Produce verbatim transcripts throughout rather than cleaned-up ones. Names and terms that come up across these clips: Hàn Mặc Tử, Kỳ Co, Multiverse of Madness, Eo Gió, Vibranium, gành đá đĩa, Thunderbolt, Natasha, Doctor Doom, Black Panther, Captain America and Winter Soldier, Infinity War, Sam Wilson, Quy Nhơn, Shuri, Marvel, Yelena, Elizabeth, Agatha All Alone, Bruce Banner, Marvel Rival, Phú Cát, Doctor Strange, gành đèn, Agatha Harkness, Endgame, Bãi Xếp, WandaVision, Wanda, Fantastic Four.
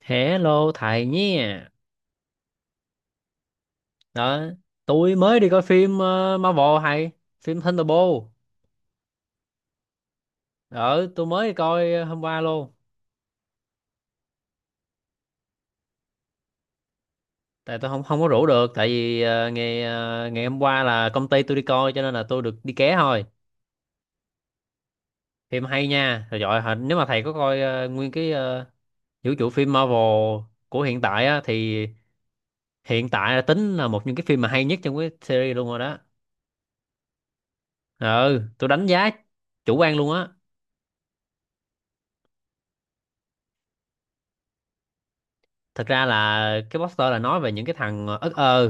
Hello thầy nhé. Đó, tôi mới đi coi phim ờ, Marvel hay phim Thunderbolt. Đó, tôi mới đi coi ờ, hôm qua luôn. Tại tôi không không có rủ được tại vì ờ, ngày ờ, ngày hôm qua là công ty tôi đi coi cho nên là tôi được đi ké thôi. Phim hay nha. Rồi giỏi hả? Nếu mà thầy có coi ờ, nguyên cái ờ, vũ trụ phim Marvel của hiện tại á thì hiện tại là tính là một những cái phim mà hay nhất trong cái series luôn rồi đó. Ừ, tôi đánh giá chủ quan luôn á. Thật ra là cái poster là nói về những cái thằng ất ơ,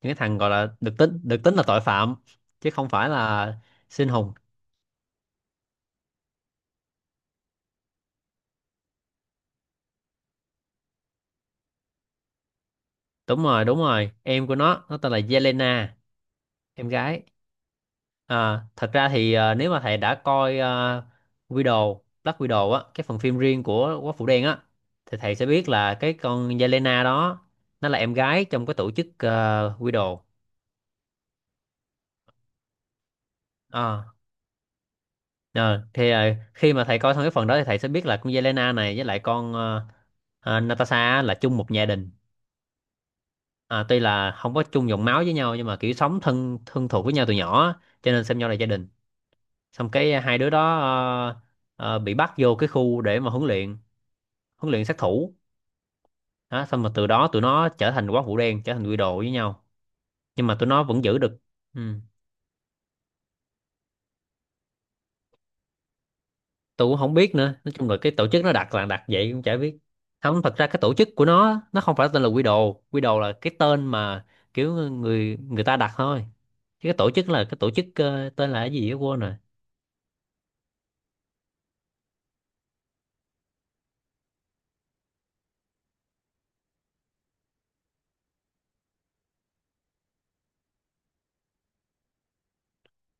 những cái thằng gọi là được tính được tính là tội phạm chứ không phải là sinh hùng. Đúng rồi đúng rồi em của nó nó tên là Yelena, em gái. À, thật ra thì ờ, nếu mà thầy đã coi ờ, Widow, Black Widow á, cái phần phim riêng của Quả Phụ Đen á, thì thầy sẽ biết là cái con Yelena đó nó là em gái trong cái tổ chức ờ, Widow. À. Ờ, thì ờ, khi mà thầy coi xong cái phần đó thì thầy sẽ biết là con Yelena này với lại con ờ, ờ, Natasha á là chung một gia đình. À, tuy là không có chung dòng máu với nhau nhưng mà kiểu sống thân thân thuộc với nhau từ nhỏ á, cho nên xem nhau là gia đình. Xong cái hai đứa đó ờ, ờ, bị bắt vô cái khu để mà huấn luyện huấn luyện sát thủ. Đó, xong mà từ đó tụi nó trở thành quái vũ đen, trở thành quy đồ với nhau. Nhưng mà tụi nó vẫn giữ được. Ừ. Tôi cũng không biết nữa, nói chung là cái tổ chức nó đặt là đặt vậy cũng chả biết. Không, thật ra cái tổ chức của nó nó không phải tên là Quy Đồ. Quy Đồ là cái tên mà kiểu người người ta đặt thôi, chứ cái tổ chức là cái tổ chức ờ, tên là cái gì đó quên rồi.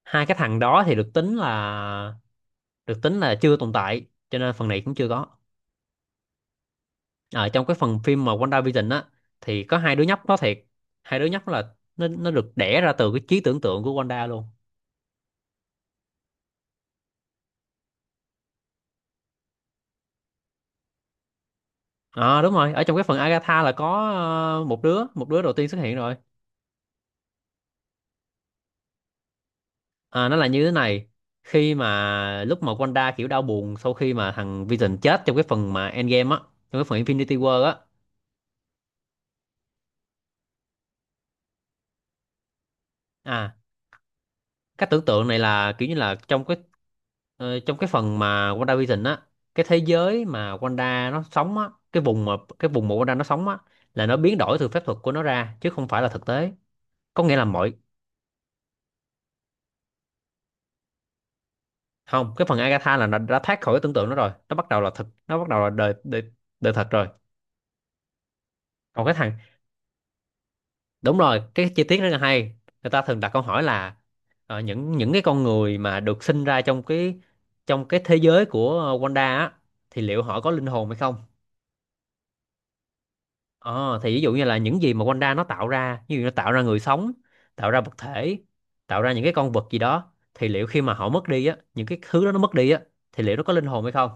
Hai cái thằng đó thì được tính là được tính là chưa tồn tại cho nên phần này cũng chưa có. Ở trong cái phần phim mà WandaVision á thì có hai đứa nhóc nó thiệt. Hai đứa nhóc là nó nó được đẻ ra từ cái trí tưởng tượng của Wanda luôn. Ờ đúng rồi, ở trong cái phần Agatha là có ờ, một đứa, một đứa đầu tiên xuất hiện rồi. À, nó là như thế này, khi mà lúc mà Wanda kiểu đau buồn sau khi mà thằng Vision chết trong cái phần mà Endgame á, trong cái phần Infinity War á. À, cách tưởng tượng này là kiểu như là trong cái ờ, trong cái phần mà WandaVision á, cái thế giới mà Wanda nó sống á, cái vùng mà cái vùng mà Wanda nó sống á là nó biến đổi từ phép thuật của nó ra chứ không phải là thực tế. Có nghĩa là mọi. Không, cái phần Agatha là nó đã thoát khỏi cái tưởng tượng nó rồi, nó bắt đầu là thực, nó bắt đầu là đời đời, đời thật rồi. Còn cái thằng. Đúng rồi, cái chi tiết rất là hay. Người ta thường đặt câu hỏi là ờ, những những cái con người mà được sinh ra trong cái trong cái thế giới của ờ, Wanda á thì liệu họ có linh hồn hay không. Ờ thì ví dụ như là những gì mà Wanda nó tạo ra, như nó tạo ra người sống, tạo ra vật thể, tạo ra những cái con vật gì đó, thì liệu khi mà họ mất đi á, những cái thứ đó nó mất đi á, thì liệu nó có linh hồn hay không,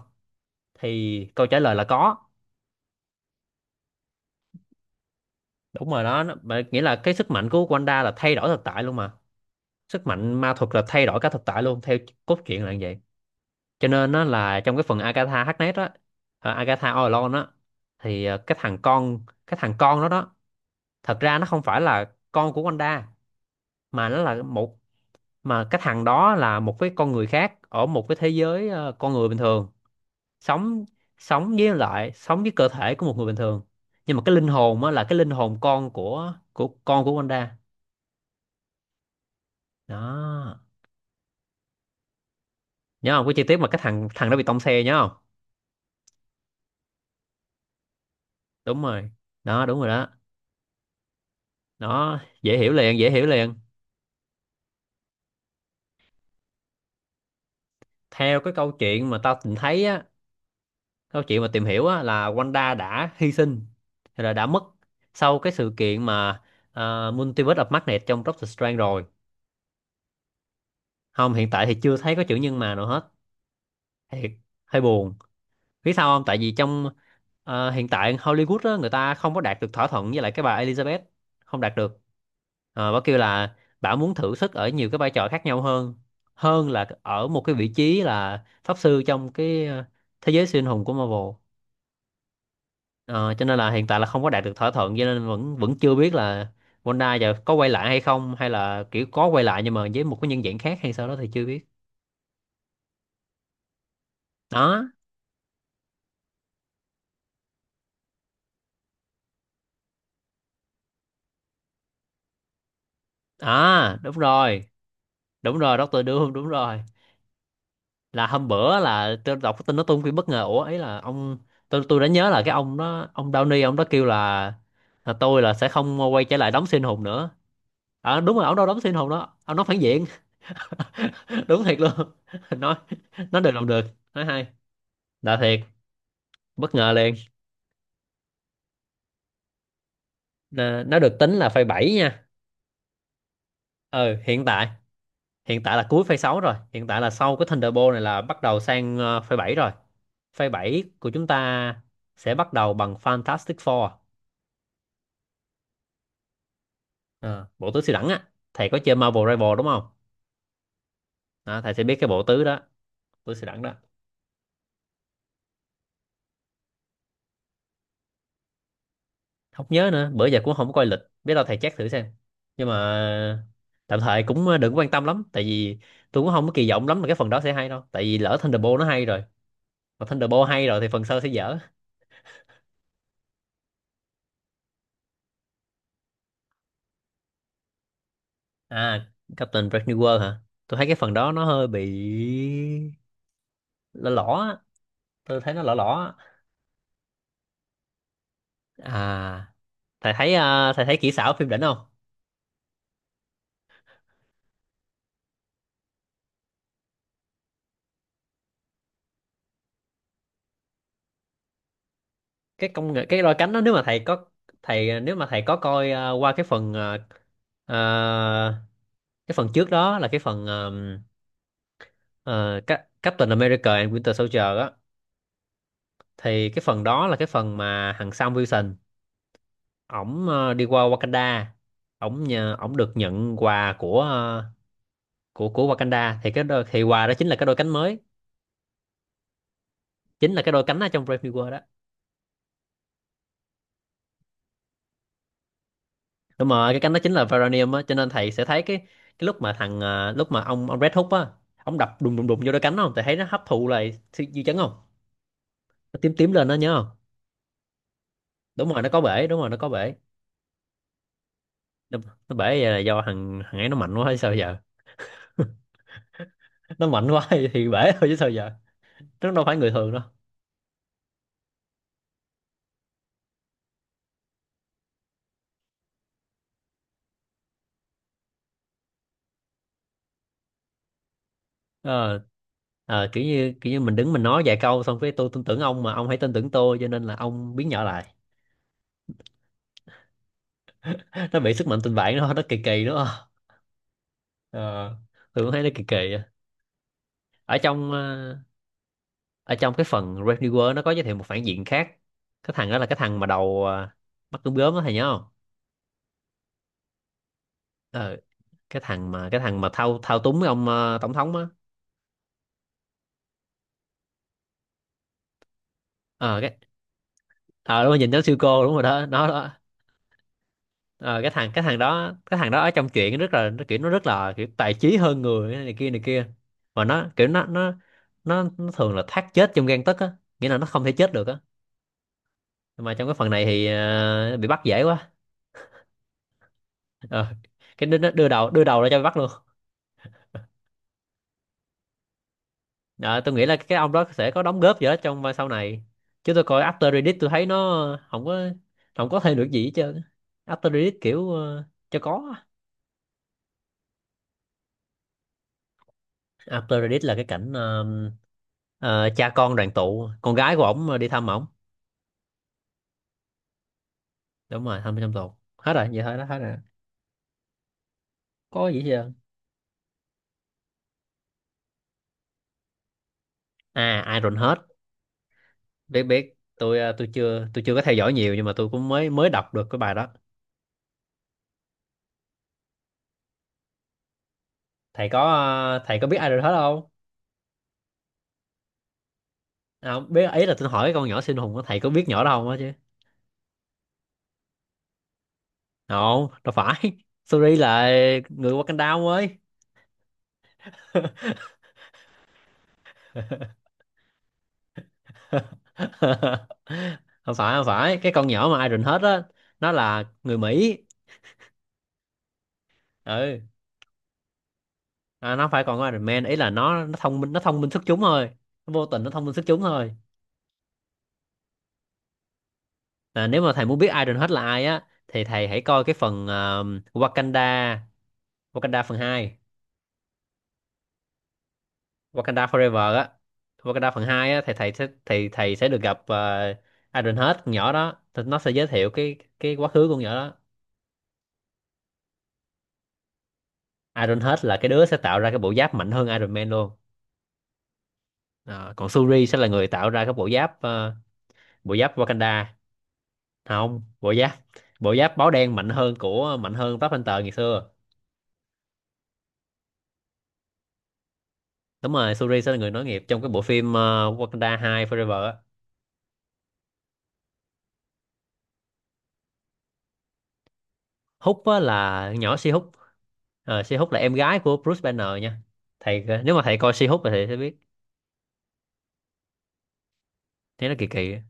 thì câu trả lời là có. Đúng rồi đó nó, mà nghĩa là cái sức mạnh của Wanda là thay đổi thực tại luôn mà. Sức mạnh ma thuật là thay đổi cả thực tại luôn, theo cốt truyện là như vậy. Cho nên nó là trong cái phần Agatha Harkness á, ờ, Agatha All Alone á, thì ờ, cái thằng con cái thằng con đó đó thật ra nó không phải là con của Wanda mà nó là một, mà cái thằng đó là một cái con người khác ở một cái thế giới ờ, con người bình thường sống, sống với lại sống với cơ thể của một người bình thường, nhưng mà cái linh hồn á là cái linh hồn con của của con của Wanda. Đó, nhớ không, cái chi tiết mà cái thằng thằng đó bị tông xe nhớ không. Đúng rồi đó, đúng rồi đó. Đó, dễ hiểu liền, dễ hiểu liền. Theo cái câu chuyện mà tao tìm thấy á, câu chuyện mà tìm hiểu á, là Wanda đã hy sinh rồi, là đã mất sau cái sự kiện mà uh, Multiverse of Madness trong Doctor Strange rồi. Không, hiện tại thì chưa thấy có chữ nhân mà nào hết. Thiệt, hơi buồn. Biết sao không, tại vì trong ờ, hiện tại Hollywood á, người ta không có đạt được thỏa thuận với lại cái bà Elizabeth, không đạt được. Ờ, bà kêu là bà muốn thử sức ở nhiều cái vai trò khác nhau hơn, hơn là ở một cái vị trí là pháp sư trong cái ờ, thế giới siêu anh hùng của Marvel. Ờ, cho nên là hiện tại là không có đạt được thỏa thuận, cho nên vẫn vẫn chưa biết là Wanda giờ có quay lại hay không, hay là kiểu có quay lại nhưng mà với một cái nhân dạng khác hay sao đó thì chưa biết. Đó, à đúng rồi, đúng rồi, Doctor Doom đúng rồi. Là hôm bữa là tôi đọc cái tin nó tung phim bất ngờ, ủa ấy là ông, tôi tôi đã nhớ là cái ông đó, ông Downey ông đó kêu là, là tôi là sẽ không quay trở lại đóng siêu anh hùng nữa. À, đúng rồi, ông đâu đóng siêu anh hùng đó, ông nói phản diện. Đúng thiệt luôn. Nói nói được làm được, nói hay. Là thiệt, bất ngờ liền. Nó được tính là phase bảy nha. Ừ hiện tại, hiện tại là cuối phase sáu rồi, hiện tại là sau cái Thunderbolt này là bắt đầu sang ờ, phase bảy rồi. Phase bảy của chúng ta sẽ bắt đầu bằng Fantastic Four. Ờ, bộ tứ siêu đẳng á. Thầy có chơi Marvel Rival đúng không? Đó, thầy sẽ biết cái bộ tứ đó, tứ siêu đẳng đó. Không nhớ nữa, bữa giờ cũng không có coi lịch, biết đâu thầy check thử xem. Nhưng mà tạm thời cũng ờ, đừng quan tâm lắm tại vì tôi cũng không có kỳ vọng lắm là cái phần đó sẽ hay đâu, tại vì lỡ Thunderbolt nó hay rồi, mà Thunderbolt hay rồi thì phần sau sẽ dở. À, Captain Brave New World hả? Tôi thấy cái phần đó nó hơi bị lõ lõ á. Tôi thấy nó lõ lõ á. À, thầy thấy à, thầy thấy kỹ xảo phim đỉnh không? Cái công nghệ cái đôi cánh đó, nếu mà thầy có, thầy nếu mà thầy có coi à, qua cái phần à, à, cái phần trước đó là cái phần um, ờ, Ca- Captain America and Winter Soldier á, thì cái phần đó là cái phần mà thằng Sam Wilson, ổng ờ, đi qua Wakanda, ổng nhờ ổng được nhận quà của à, của của Wakanda, thì cái đôi, thì quà đó chính là cái đôi cánh mới, chính là cái đôi cánh ở trong Brave New World đó. Đúng rồi, cái cánh đó chính là Vibranium á, cho nên thầy sẽ thấy cái cái lúc mà thằng à, lúc mà ông ông Red Hook á, ông đập đùng đùng đùng vô đôi cánh, không thầy thấy nó hấp thụ lại sự dư chấn không, nó tím tím lên đó nhớ không. Đúng rồi nó có bể, đúng rồi nó có bể. nó, nó bể là do thằng thằng ấy nó mạnh quá hay sao giờ. Nó mạnh quá thì thì bể thôi chứ sao giờ, nó đâu phải người thường đâu. Ờ. Ờ, kiểu như, kiểu như mình đứng mình nói vài câu xong cái tôi tin tưởng ông mà ông hãy tin tưởng tôi cho nên là ông biến nhỏ lại. Nó bị sức mạnh tình bạn nó nó kỳ kỳ đúng không. Ờ, tôi cũng thấy nó kỳ kỳ á. ở trong ờ, Ở trong cái phần Red New World nó có giới thiệu một phản diện khác. Cái thằng đó là cái thằng mà đầu ờ, mắt gớm gớm đó, thầy nhớ không? Ờ cái thằng mà cái thằng mà thao thao túng cái ông ờ, tổng thống á. Ờ cái ờ Đúng rồi, nhìn nó siêu cô, đúng rồi đó, nó đó. Ờ cái thằng cái thằng đó cái thằng đó ở trong chuyện rất là, nó kiểu nó rất là kiểu tài trí hơn người này kia này kia, mà nó kiểu nó nó nó, nó thường là thác chết trong gang tấc á, nghĩa là nó không thể chết được á. Mà trong cái phần này thì ờ, bị bắt dễ quá. Ờ, cái đứa nó đưa đầu đưa đầu ra cho bị bắt luôn. Ờ, tôi nghĩ là cái ông đó sẽ có đóng góp gì đó trong vai sau này, chứ tôi coi after Reddit tôi thấy nó không có không có thêm được gì hết trơn. After Reddit kiểu ờ, cho có. After Reddit là cái cảnh ờ, ờ, cha con đoàn tụ, con gái của ổng ờ, đi thăm ổng. Đúng rồi, thăm trong tù, hết rồi, vậy thôi đó, hết rồi, có gì hết trơn. À, Iron hết. Biết, biết tôi ờ, tôi chưa tôi chưa có theo dõi nhiều, nhưng mà tôi cũng mới mới đọc được cái bài đó. Thầy có ờ, thầy có biết ai rồi hết không? À, không, biết ý là tôi hỏi cái con nhỏ siêu hùng á, thầy có biết nhỏ đó không á chứ. Không, đâu phải. Suri là người Wakanda, ông ơi. Không phải, không phải cái con nhỏ mà Iron hết á, nó là người Mỹ. Ừ. À, nó không phải còn có Iron Man, ý là nó nó thông minh, nó thông minh xuất chúng thôi. Nó vô tình nó thông minh xuất chúng thôi. À, nếu mà thầy muốn biết Iron hết là ai á thì thầy hãy coi cái phần ờ, Wakanda, Wakanda phần hai. Wakanda Forever á, Wakanda phần hai á, thì thầy sẽ thì thầy sẽ được gặp uh, Iron Head, con nhỏ đó. Thì nó sẽ giới thiệu cái cái quá khứ con nhỏ đó. Iron Head là cái đứa sẽ tạo ra cái bộ giáp mạnh hơn Iron Man luôn. Ờ, còn Shuri sẽ là người tạo ra cái bộ giáp ờ, bộ giáp Wakanda. Không, bộ giáp bộ giáp báo đen, mạnh hơn của mạnh hơn Black Panther ngày xưa. Đúng rồi, Shuri sẽ là người nối nghiệp trong cái bộ phim ờ, Wakanda hai Forever á. Hút á là nhỏ Si Hút. Ờ, Si Hút là em gái của Bruce Banner nha. Thầy, nếu mà thầy coi Si Hút thì thầy sẽ biết, thế nó kỳ kỳ á.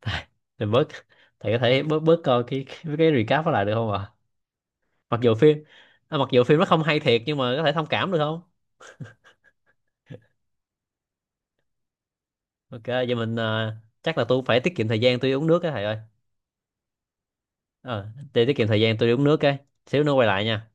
Thầy mình bớt, thầy có thể bớt bớt coi cái cái, cái recap đó lại được không ạ? Mặc dù phim, à, mặc dù phim nó không hay thiệt, nhưng mà có thể thông cảm được không? Ok, vậy mình ờ, chắc là tôi phải tiết kiệm thời gian tôi đi uống nước á, thầy ơi. Ờ, để tiết kiệm thời gian tôi đi uống nước cái xíu nữa quay lại nha.